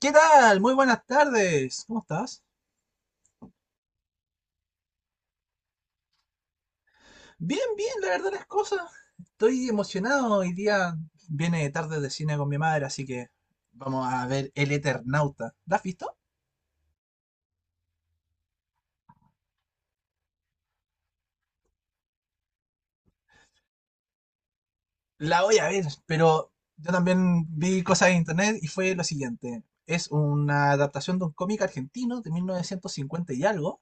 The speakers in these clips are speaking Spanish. ¿Qué tal? Muy buenas tardes. ¿Cómo estás? Bien, bien, la verdad las cosas. Estoy emocionado. Hoy día viene tarde de cine con mi madre, así que vamos a ver El Eternauta. ¿La has visto? La voy a ver, pero yo también vi cosas en internet y fue lo siguiente. Es una adaptación de un cómic argentino de 1950 y algo.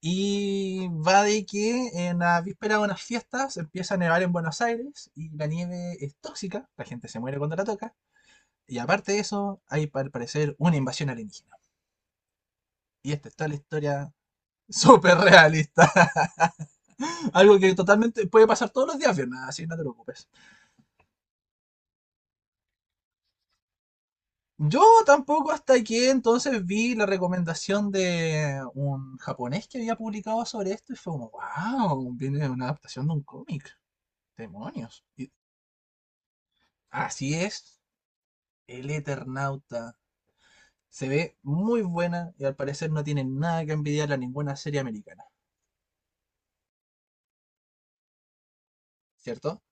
Y va de que en la víspera de unas fiestas empieza a nevar en Buenos Aires y la nieve es tóxica, la gente se muere cuando la toca. Y aparte de eso, hay al parecer una invasión alienígena. Y esta está la historia súper realista. Algo que totalmente puede pasar todos los días, Fiona, así que no te preocupes. Yo tampoco hasta aquí entonces vi la recomendación de un japonés que había publicado sobre esto y fue como, wow, viene una adaptación de un cómic. Demonios. Y así es, El Eternauta. Se ve muy buena y al parecer no tiene nada que envidiarle a ninguna serie americana, ¿cierto?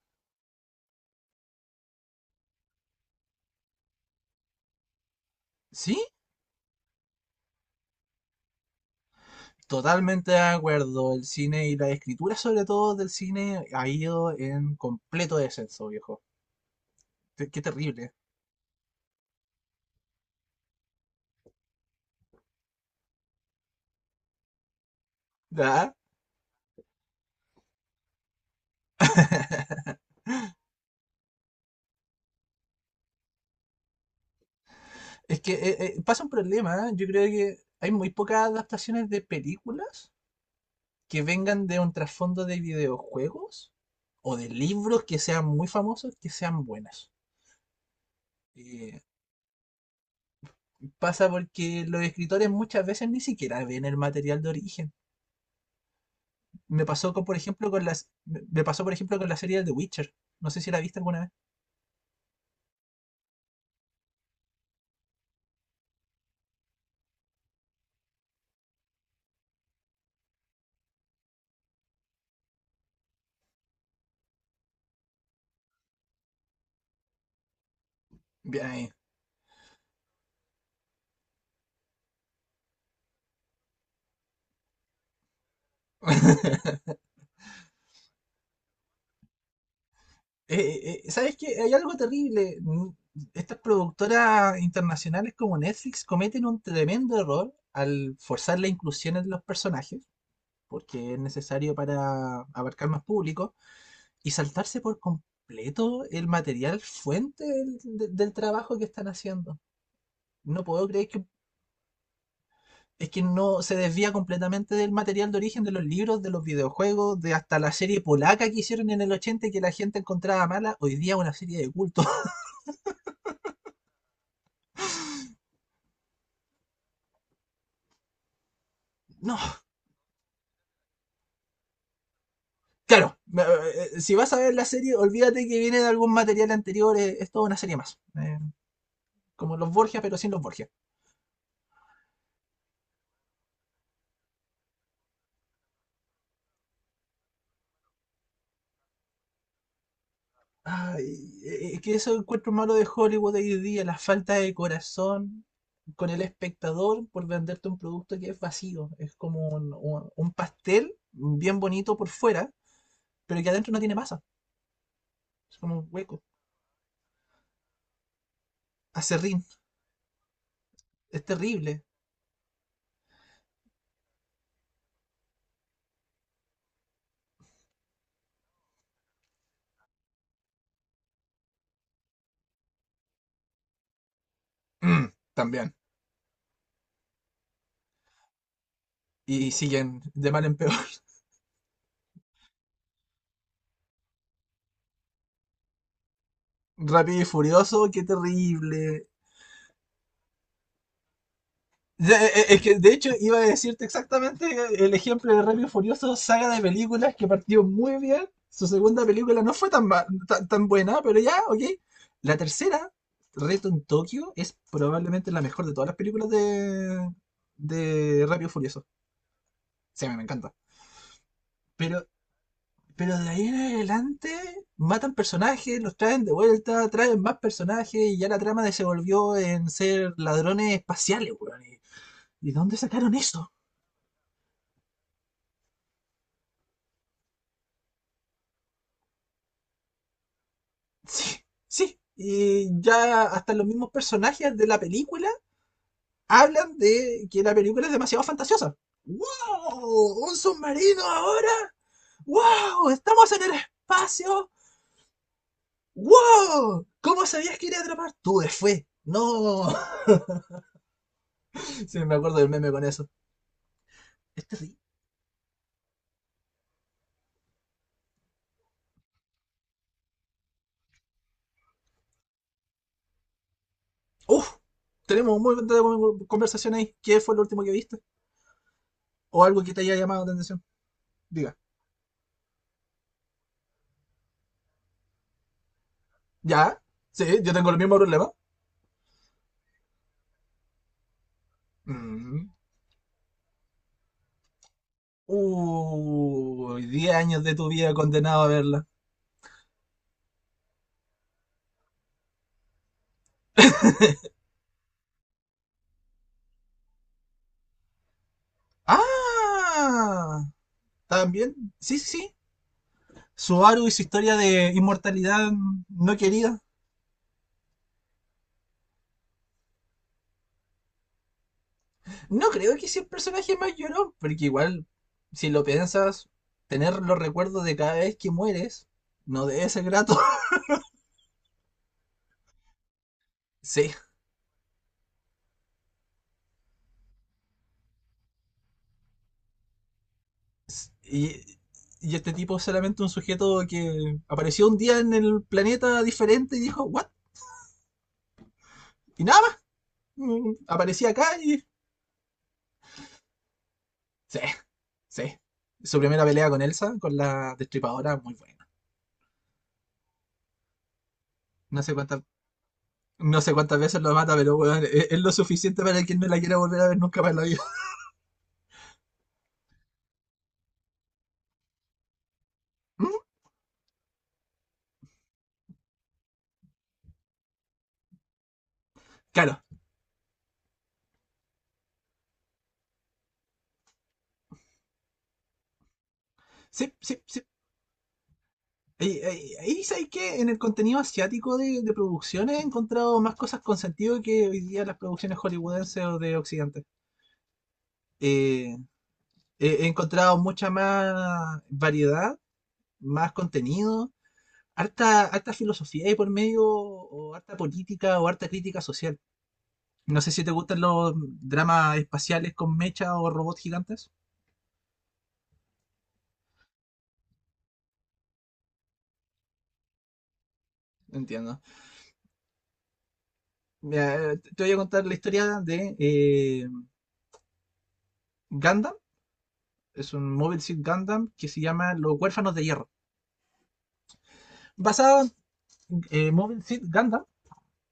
Sí, totalmente de acuerdo, el cine y la escritura sobre todo del cine ha ido en completo descenso, viejo. Qué terrible. ¿Verdad? Es que pasa un problema, ¿eh? Yo creo que hay muy pocas adaptaciones de películas que vengan de un trasfondo de videojuegos o de libros que sean muy famosos, que sean buenas. Eh, Pasa porque los escritores muchas veces ni siquiera ven el material de origen. Me pasó con, por ejemplo, con las, me me pasó, por ejemplo, con la serie de The Witcher. No sé si la viste alguna vez. Bien ahí. ¿Sabes qué? Hay algo terrible. Estas productoras internacionales como Netflix cometen un tremendo error al forzar la inclusión de los personajes, porque es necesario para abarcar más público, y saltarse por completo el material fuente del trabajo que están haciendo. No puedo creer que es que no se desvía completamente del material de origen de los libros, de los videojuegos, de hasta la serie polaca que hicieron en el 80 y que la gente encontraba mala, hoy día una serie de culto. No, claro, si vas a ver la serie, olvídate que viene de algún material anterior, es toda una serie más. Como los Borgia, pero sin los Borgia. Ay, es que eso encuentro malo de Hollywood hoy día, la falta de corazón con el espectador por venderte un producto que es vacío, es como un pastel bien bonito por fuera, pero que adentro no tiene masa. Es como un hueco. Acerrín. Es terrible. Mm, también. Y siguen de mal en peor. Rápido y furioso, qué terrible. Ya, es que de hecho iba a decirte exactamente el ejemplo de Rápido y Furioso, saga de películas que partió muy bien. Su segunda película no fue tan buena, pero ya, ok. La tercera, Reto en Tokio, es probablemente la mejor de todas las películas de Rápido y Furioso. Sí, a mí me encanta. Pero Pero de ahí en adelante matan personajes, los traen de vuelta, traen más personajes y ya la trama de se volvió en ser ladrones espaciales, weón. ¿Y dónde sacaron eso? Sí, sí. Y ya hasta los mismos personajes de la película hablan de que la película es demasiado fantasiosa. ¡Wow! ¿Un submarino ahora? ¡Wow! ¡Estamos en el espacio! ¡Wow! ¿Cómo sabías que iba a atrapar? Tuve fe. No. Sí, me acuerdo del meme con eso. Es terrible. Uf, tenemos muy buena conversación ahí. ¿Qué fue lo último que viste? ¿O algo que te haya llamado la atención? Diga. ¿Ya? Sí, yo tengo el mismo problema. Mm. Uy, 10 años de tu vida condenado a verla. ¡Ah! También, sí, sí, sí. Subaru y su historia de inmortalidad no querida. No creo que sea el personaje más llorón, porque igual, si lo piensas, tener los recuerdos de cada vez que mueres no debe ser grato. Sí, Y, y este tipo es solamente un sujeto que apareció un día en el planeta diferente y dijo, ¿what? Y nada más. Aparecía acá y. Sí, sí. Su primera pelea con Elsa, con la destripadora, muy buena. No sé cuántas. No sé cuántas veces lo mata, pero weón, es lo suficiente para que él no la quiera volver a ver nunca más en la vida. Mm, claro, sí, sí, sí. Ahí sabéis que en el contenido asiático de producciones he encontrado más cosas con sentido que hoy día las producciones hollywoodenses o de Occidente. Eh, he encontrado mucha más variedad, más contenido, harta, harta filosofía y por medio, o harta política, o harta crítica social. No sé si te gustan los dramas espaciales con mecha o robots gigantes. Entiendo. Mira, te voy a contar la historia de Gundam. Es un Mobile Suit Gundam que se llama Los Huérfanos de Hierro. Basado en Mobile Suit Gundam,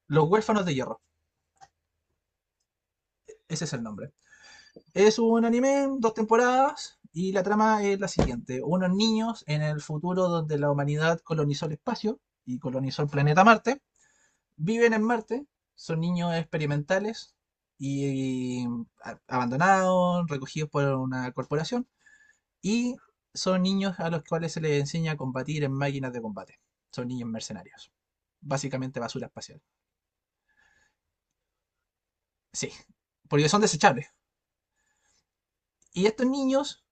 Los Huérfanos de Hierro. Ese es el nombre. Es un anime, dos temporadas, y la trama es la siguiente. Unos niños en el futuro donde la humanidad colonizó el espacio y colonizó el planeta Marte, viven en Marte, son niños experimentales y abandonados, recogidos por una corporación, y son niños a los cuales se les enseña a combatir en máquinas de combate. Son niños mercenarios. Básicamente basura espacial. Sí, porque son desechables. Y estos niños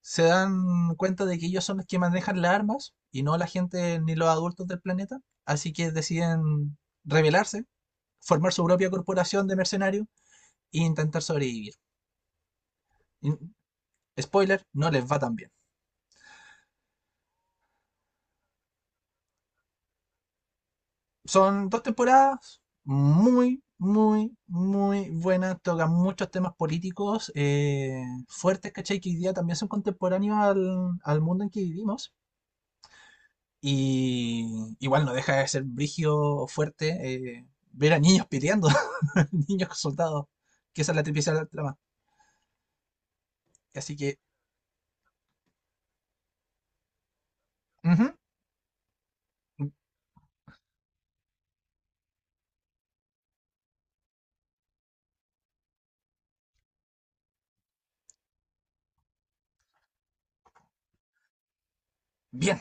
se dan cuenta de que ellos son los que manejan las armas y no la gente ni los adultos del planeta. Así que deciden rebelarse, formar su propia corporación de mercenarios e intentar sobrevivir. Y, spoiler, no les va tan bien. Son dos temporadas muy, muy, muy buenas. Tocan muchos temas políticos fuertes, ¿cachai? Que hoy día también son contemporáneos al mundo en que vivimos. Y igual no deja de ser brigio fuerte eh, ver a niños peleando. Niños soldados, que esa es la tripicia trama. Así que, ujú, bien,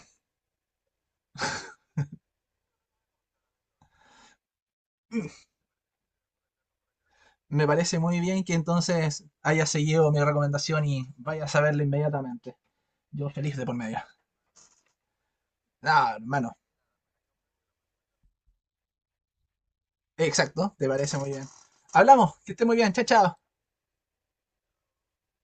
me parece muy bien que entonces haya seguido mi recomendación y vayas a verla inmediatamente. Yo feliz de por medio. Ah, hermano, exacto, te parece muy bien. Hablamos, que esté muy bien, chao, chao.